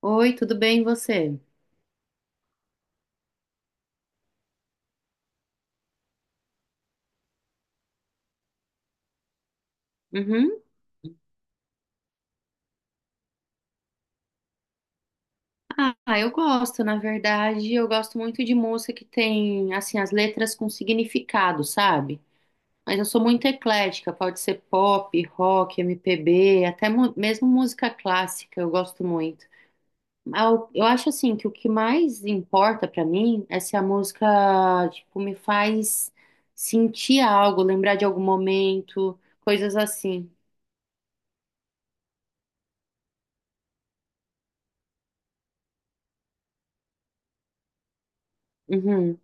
Oi, tudo bem, e você? Uhum. Ah, eu gosto, na verdade, eu gosto muito de música que tem, assim, as letras com significado, sabe? Mas eu sou muito eclética, pode ser pop, rock, MPB, até mesmo música clássica, eu gosto muito. Ah, eu acho, assim, que o que mais importa pra mim é se a música, tipo, me faz sentir algo, lembrar de algum momento, coisas assim. Uhum.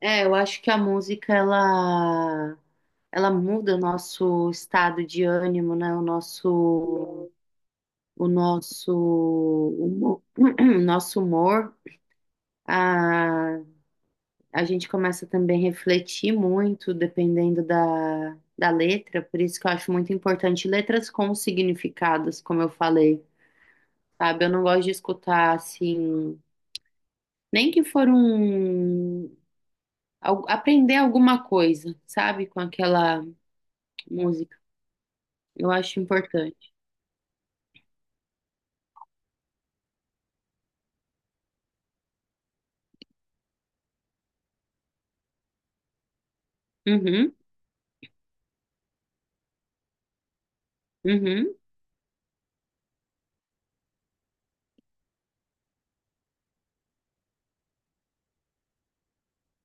É, eu acho que a música, ela muda o nosso estado de ânimo, né? O nosso, humo- o nosso humor. A, a gente começa também a refletir muito dependendo da letra, por isso que eu acho muito importante letras com significados, como eu falei. Sabe, eu não gosto de escutar assim, nem que for um aprender alguma coisa, sabe, com aquela música. Eu acho importante. Uhum, uhum,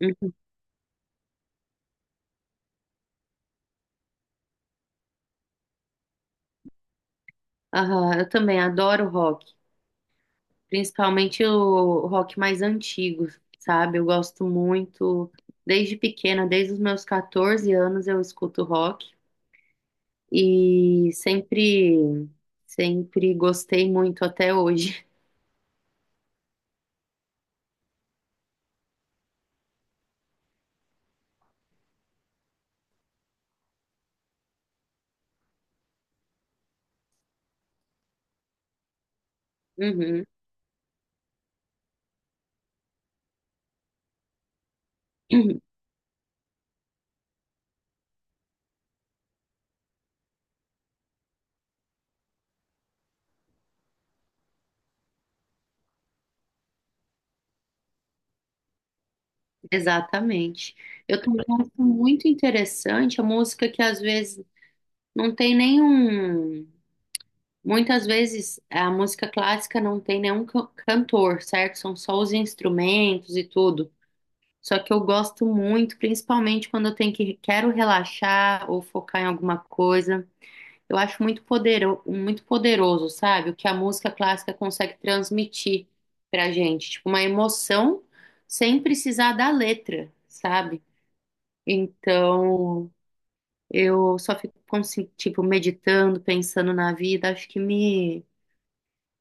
uhum. Aham, eu também adoro rock, principalmente o rock mais antigo, sabe? Eu gosto muito, desde pequena, desde os meus 14 anos eu escuto rock e sempre, sempre gostei muito até hoje. Uhum, Exatamente. Eu também acho muito interessante a música que às vezes não tem nenhum. Muitas vezes a música clássica não tem nenhum cantor, certo? São só os instrumentos e tudo. Só que eu gosto muito, principalmente quando eu tenho que quero relaxar ou focar em alguma coisa. Eu acho muito muito poderoso, sabe? O que a música clássica consegue transmitir pra gente, tipo uma emoção sem precisar da letra, sabe? Então, eu só fico, tipo, meditando, pensando na vida, acho que me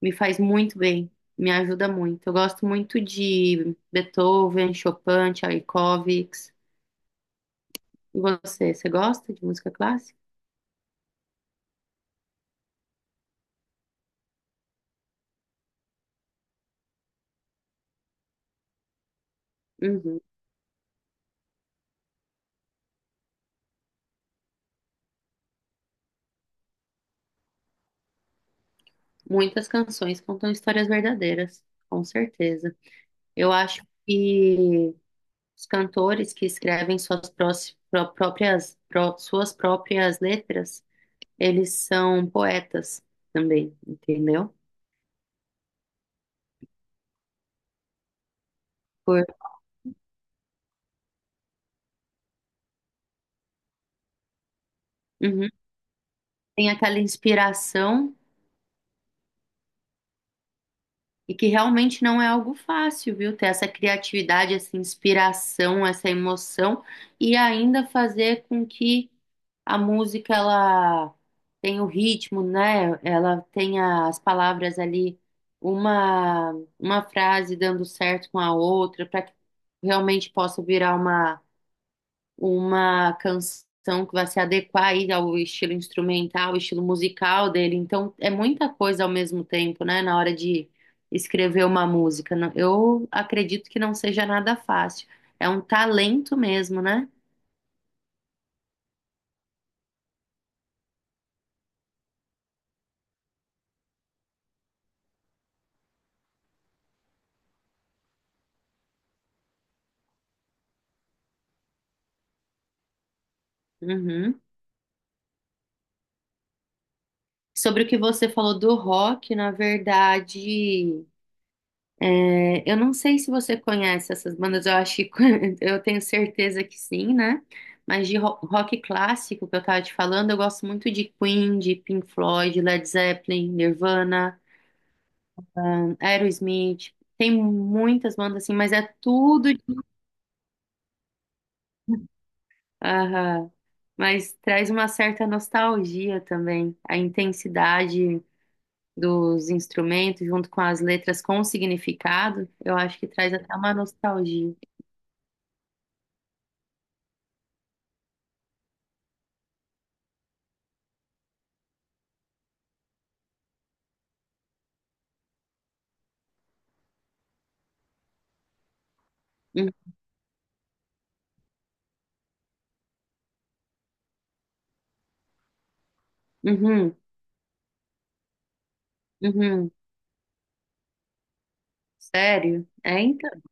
me faz muito bem, me ajuda muito. Eu gosto muito de Beethoven, Chopin, Tchaikovsky. E você gosta de música clássica? Uhum. Muitas canções contam histórias verdadeiras, com certeza. Eu acho que os cantores que escrevem suas prós- pró- próprias, pró- suas próprias letras, eles são poetas também, entendeu? Por, Uhum. Tem aquela inspiração. E que realmente não é algo fácil, viu? Ter essa criatividade, essa inspiração, essa emoção e ainda fazer com que a música ela tenha o ritmo, né? Ela tenha as palavras ali, uma, uma frase dando certo com a outra, para que realmente possa virar uma canção que vai se adequar aí ao estilo instrumental, ao estilo musical dele. Então, é muita coisa ao mesmo tempo, né, na hora de escrever uma música. Eu acredito que não seja nada fácil. É um talento mesmo, né? Uhum. Sobre o que você falou do rock, na verdade. É, eu não sei se você conhece essas bandas, eu acho que eu tenho certeza que sim, né? Mas de rock clássico que eu tava te falando, eu gosto muito de Queen, de Pink Floyd, Led Zeppelin, Nirvana, Aerosmith. Tem muitas bandas assim, mas é tudo. Aham. Mas traz uma certa nostalgia também, a intensidade dos instrumentos junto com as letras com significado, eu acho que traz até uma nostalgia. Uhum, uhum. Uhum. Sério? É, então.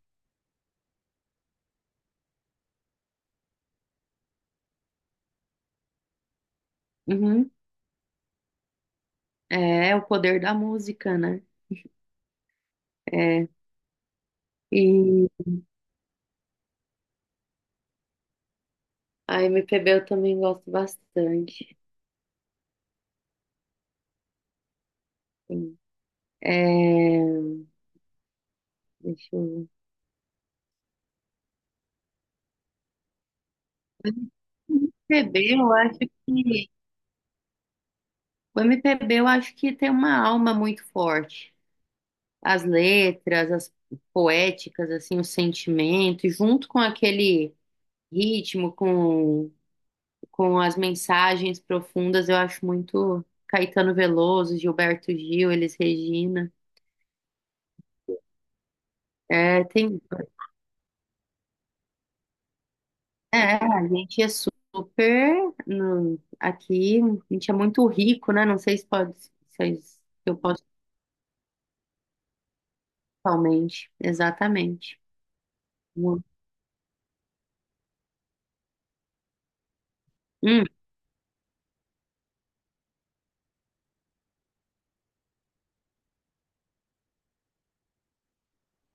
Uhum. É o poder da música, né? É. E a MPB eu também gosto bastante. Sim. É, deixa eu. MPB, eu acho que... O MPB, eu acho que tem uma alma muito forte. As letras, as poéticas, assim, o sentimento, e junto com aquele ritmo, com as mensagens profundas, eu acho muito Caetano Veloso, Gilberto Gil, Elis Regina. É, tem, é, a gente é super, aqui, a gente é muito rico, né? Não sei se pode, se eu posso totalmente, exatamente. Hum,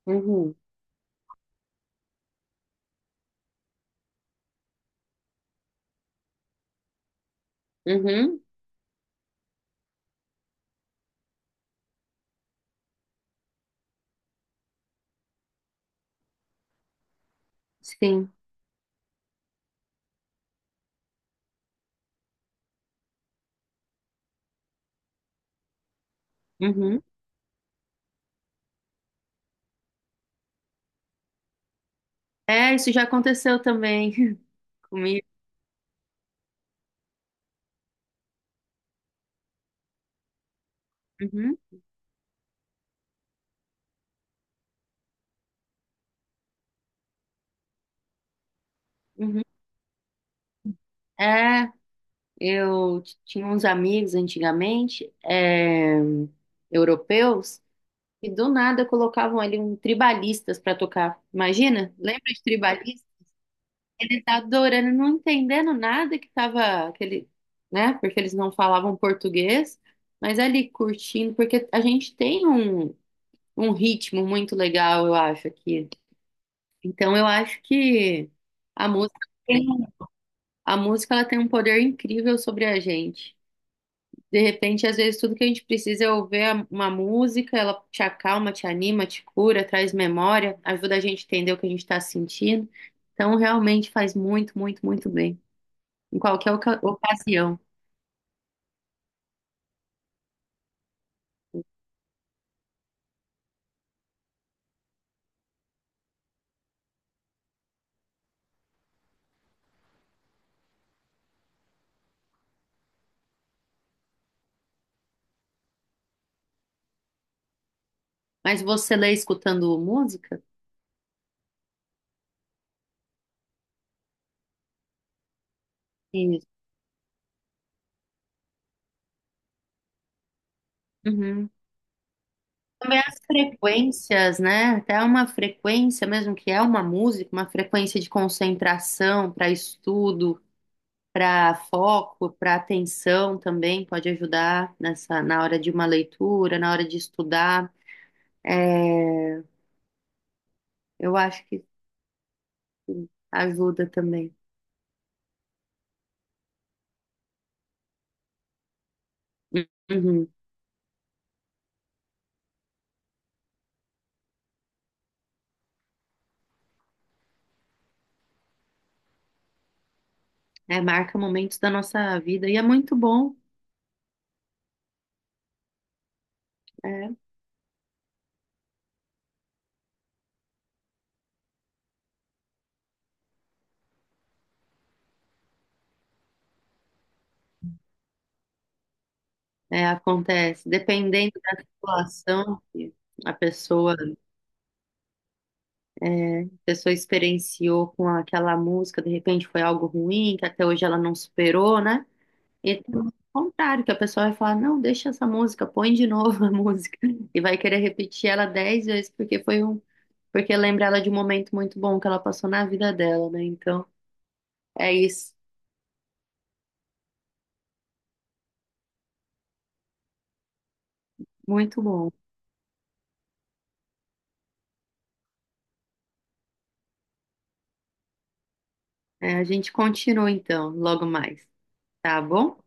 uhum, uhum, sim, uhum. É, isso já aconteceu também comigo. Uhum, uhum. É, eu tinha uns amigos antigamente, europeus, e do nada colocavam ali um tribalistas para tocar. Imagina? Lembra de tribalistas? Ele tá adorando, não entendendo nada que tava aquele, né? Porque eles não falavam português, mas ali curtindo, porque a gente tem um ritmo muito legal, eu acho, aqui. Então eu acho que a música tem, a música ela tem um poder incrível sobre a gente. De repente, às vezes, tudo que a gente precisa é ouvir uma música, ela te acalma, te anima, te cura, traz memória, ajuda a gente a entender o que a gente está sentindo. Então, realmente faz muito, muito, muito bem em qualquer ocasião. Mas você lê escutando música? Isso. Uhum. Também as frequências, né? Até uma frequência mesmo que é uma música, uma frequência de concentração para estudo, para foco, para atenção também pode ajudar nessa na hora de uma leitura, na hora de estudar. É, eu acho que ajuda também. Uhum. É, marca momentos da nossa vida e é muito bom, né? É, acontece. Dependendo da situação que a pessoa, a pessoa experienciou com aquela música, de repente foi algo ruim, que até hoje ela não superou, né? E tem o contrário, que a pessoa vai falar, não, deixa essa música, põe de novo a música. E vai querer repetir ela 10 vezes, porque foi um, porque lembra ela de um momento muito bom que ela passou na vida dela, né? Então, é isso. Muito bom. É, a gente continua então, logo mais, tá bom?